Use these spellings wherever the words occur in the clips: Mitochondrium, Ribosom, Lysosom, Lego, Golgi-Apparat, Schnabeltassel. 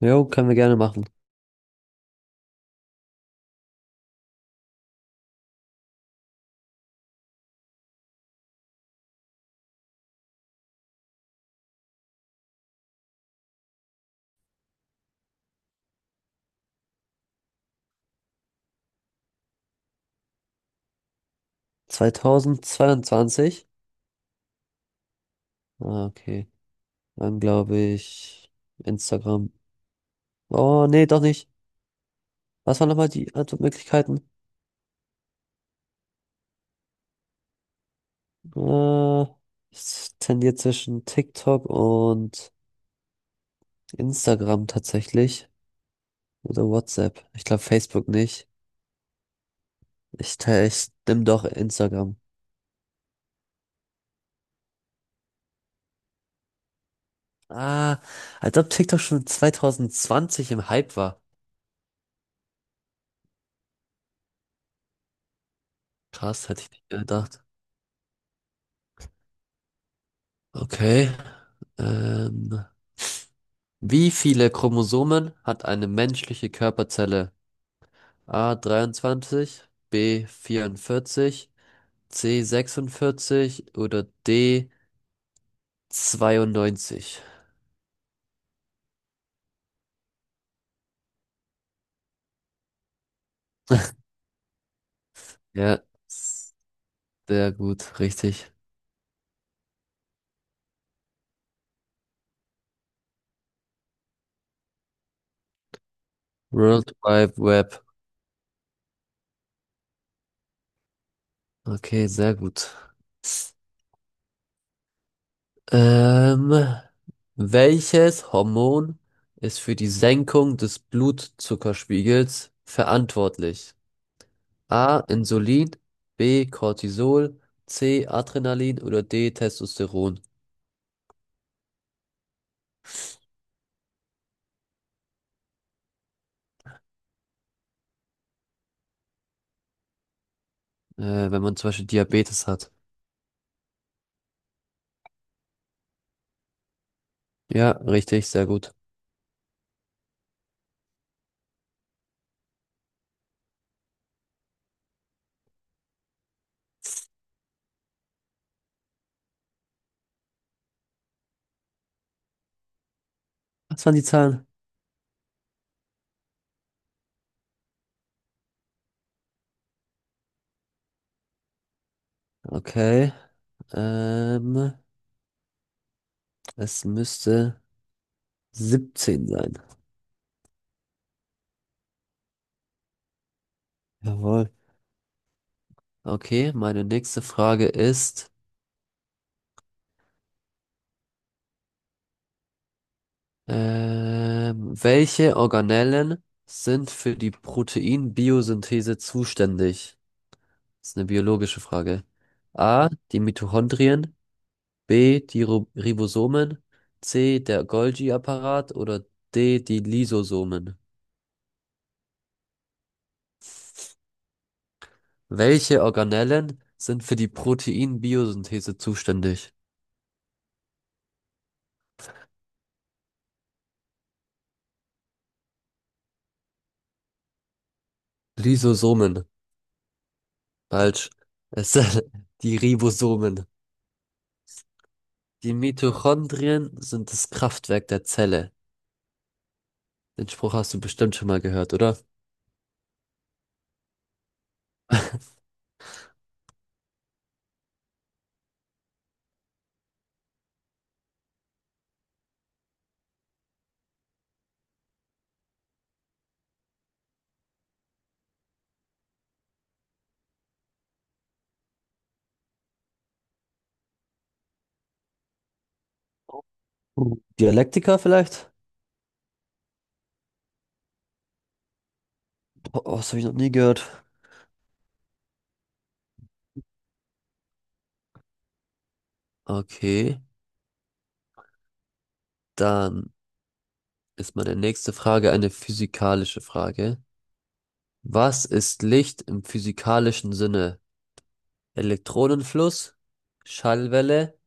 Jo, können wir gerne machen. 2022? Ah, okay. Dann glaube ich Instagram. Oh, nee, doch nicht. Was waren nochmal die Antwortmöglichkeiten? Äh, Ich tendiere zwischen TikTok und Instagram tatsächlich. Oder WhatsApp. Ich glaube Facebook nicht. Ich nehme doch Instagram. Ah, als ob TikTok schon 2020 im Hype war. Krass, hätte ich nicht gedacht. Okay. Ähm, Wie viele Chromosomen hat eine menschliche Körperzelle? A 23, B 44, C 46 oder D 92? Ja, sehr gut, richtig. World Wide Web. Okay, sehr gut. Ähm, Welches Hormon ist für die Senkung des Blutzuckerspiegels verantwortlich? A. Insulin, B. Cortisol, C. Adrenalin oder D. Testosteron. Wenn man zum Beispiel Diabetes hat. Ja, richtig, sehr gut. Was waren die Zahlen? Okay, ähm, es müsste 17 sein. Jawohl. Okay, meine nächste Frage ist, welche Organellen sind für die Proteinbiosynthese zuständig? Das ist eine biologische Frage. A, die Mitochondrien, B, die Ribosomen, C, der Golgi-Apparat oder D, die Lysosomen. Welche Organellen sind für die Proteinbiosynthese zuständig? Lysosomen. Falsch. Es sind die Ribosomen. Die Mitochondrien sind das Kraftwerk der Zelle. Den Spruch hast du bestimmt schon mal gehört, oder? Hm. Dialektiker vielleicht? Oh, das habe ich noch nie gehört. Okay, dann ist meine nächste Frage eine physikalische Frage. Was ist Licht im physikalischen Sinne? Elektronenfluss, Schallwelle,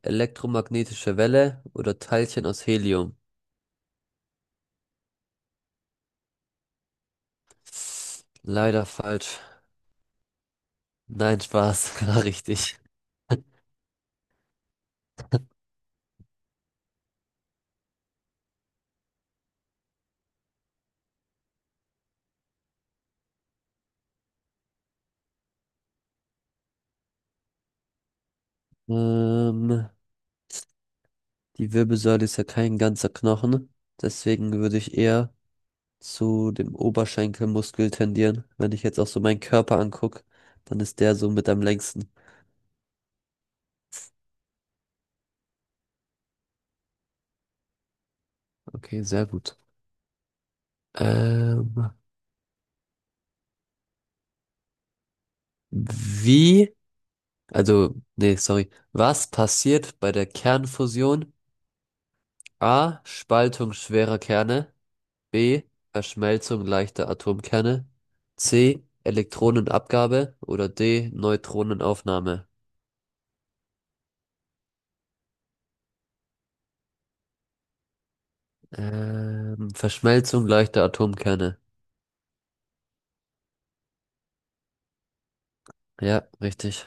elektromagnetische Welle oder Teilchen aus Helium? Leider falsch. Nein, Spaß, war richtig. Ähm, Die Wirbelsäule ist ja kein ganzer Knochen, deswegen würde ich eher zu dem Oberschenkelmuskel tendieren. Wenn ich jetzt auch so meinen Körper angucke, dann ist der so mit am längsten. Okay, sehr gut. Ähm, wie Also, nee, sorry. Was passiert bei der Kernfusion? A. Spaltung schwerer Kerne. B. Verschmelzung leichter Atomkerne. C. Elektronenabgabe. Oder D. Neutronenaufnahme. Verschmelzung leichter Atomkerne. Ja, richtig.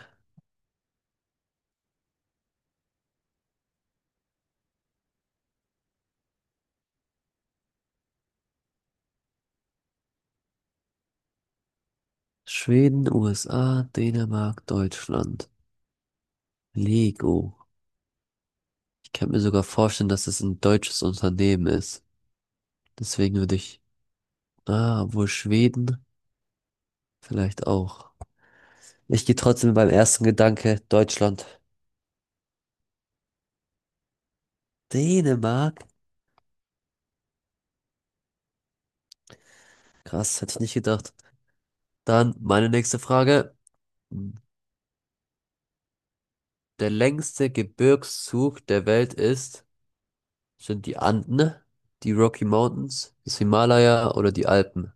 Schweden, USA, Dänemark, Deutschland. Lego. Ich kann mir sogar vorstellen, dass es ein deutsches Unternehmen ist. Deswegen würde ich wohl Schweden vielleicht auch. Ich gehe trotzdem mit meinem ersten Gedanke Deutschland. Dänemark? Krass, hätte ich nicht gedacht. Dann meine nächste Frage. Der längste Gebirgszug der Welt ist, sind die Anden, die Rocky Mountains, das Himalaya oder die Alpen?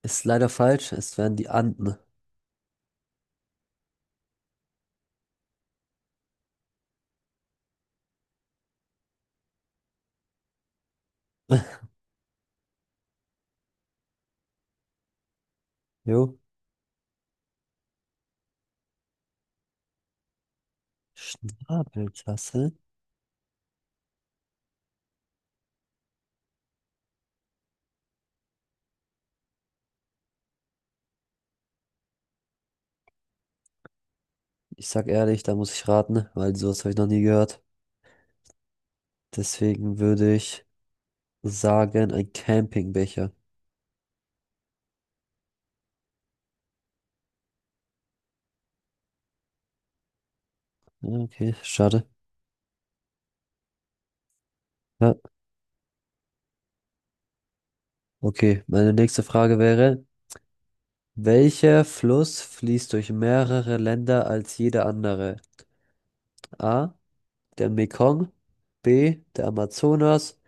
Ist leider falsch, es wären die Anden. Jo. Schnabeltassel? Ich sag ehrlich, da muss ich raten, weil sowas habe ich noch nie gehört. Deswegen würde ich sagen, ein Campingbecher. Ja, okay, schade. Ja, okay, meine nächste Frage wäre, welcher Fluss fließt durch mehrere Länder als jeder andere? A, der Mekong, B, der Amazonas,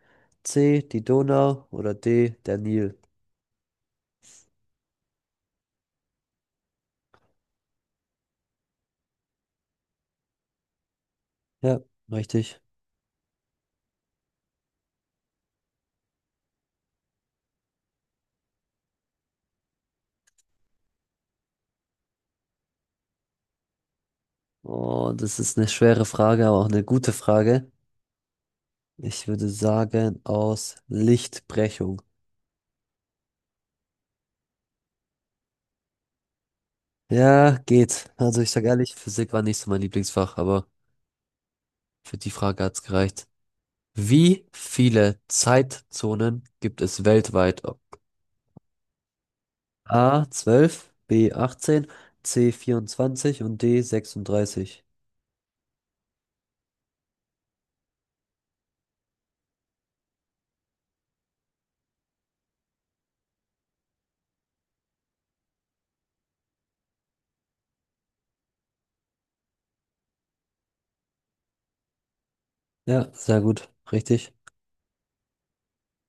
C, die Donau oder D, der Nil? Ja, richtig. Oh, das ist eine schwere Frage, aber auch eine gute Frage. Ich würde sagen, aus Lichtbrechung. Ja, geht. Also ich sage ehrlich, Physik war nicht so mein Lieblingsfach, aber für die Frage hat's gereicht. Wie viele Zeitzonen gibt es weltweit? A 12, B 18, C 24 und D 36. Ja, sehr gut, richtig.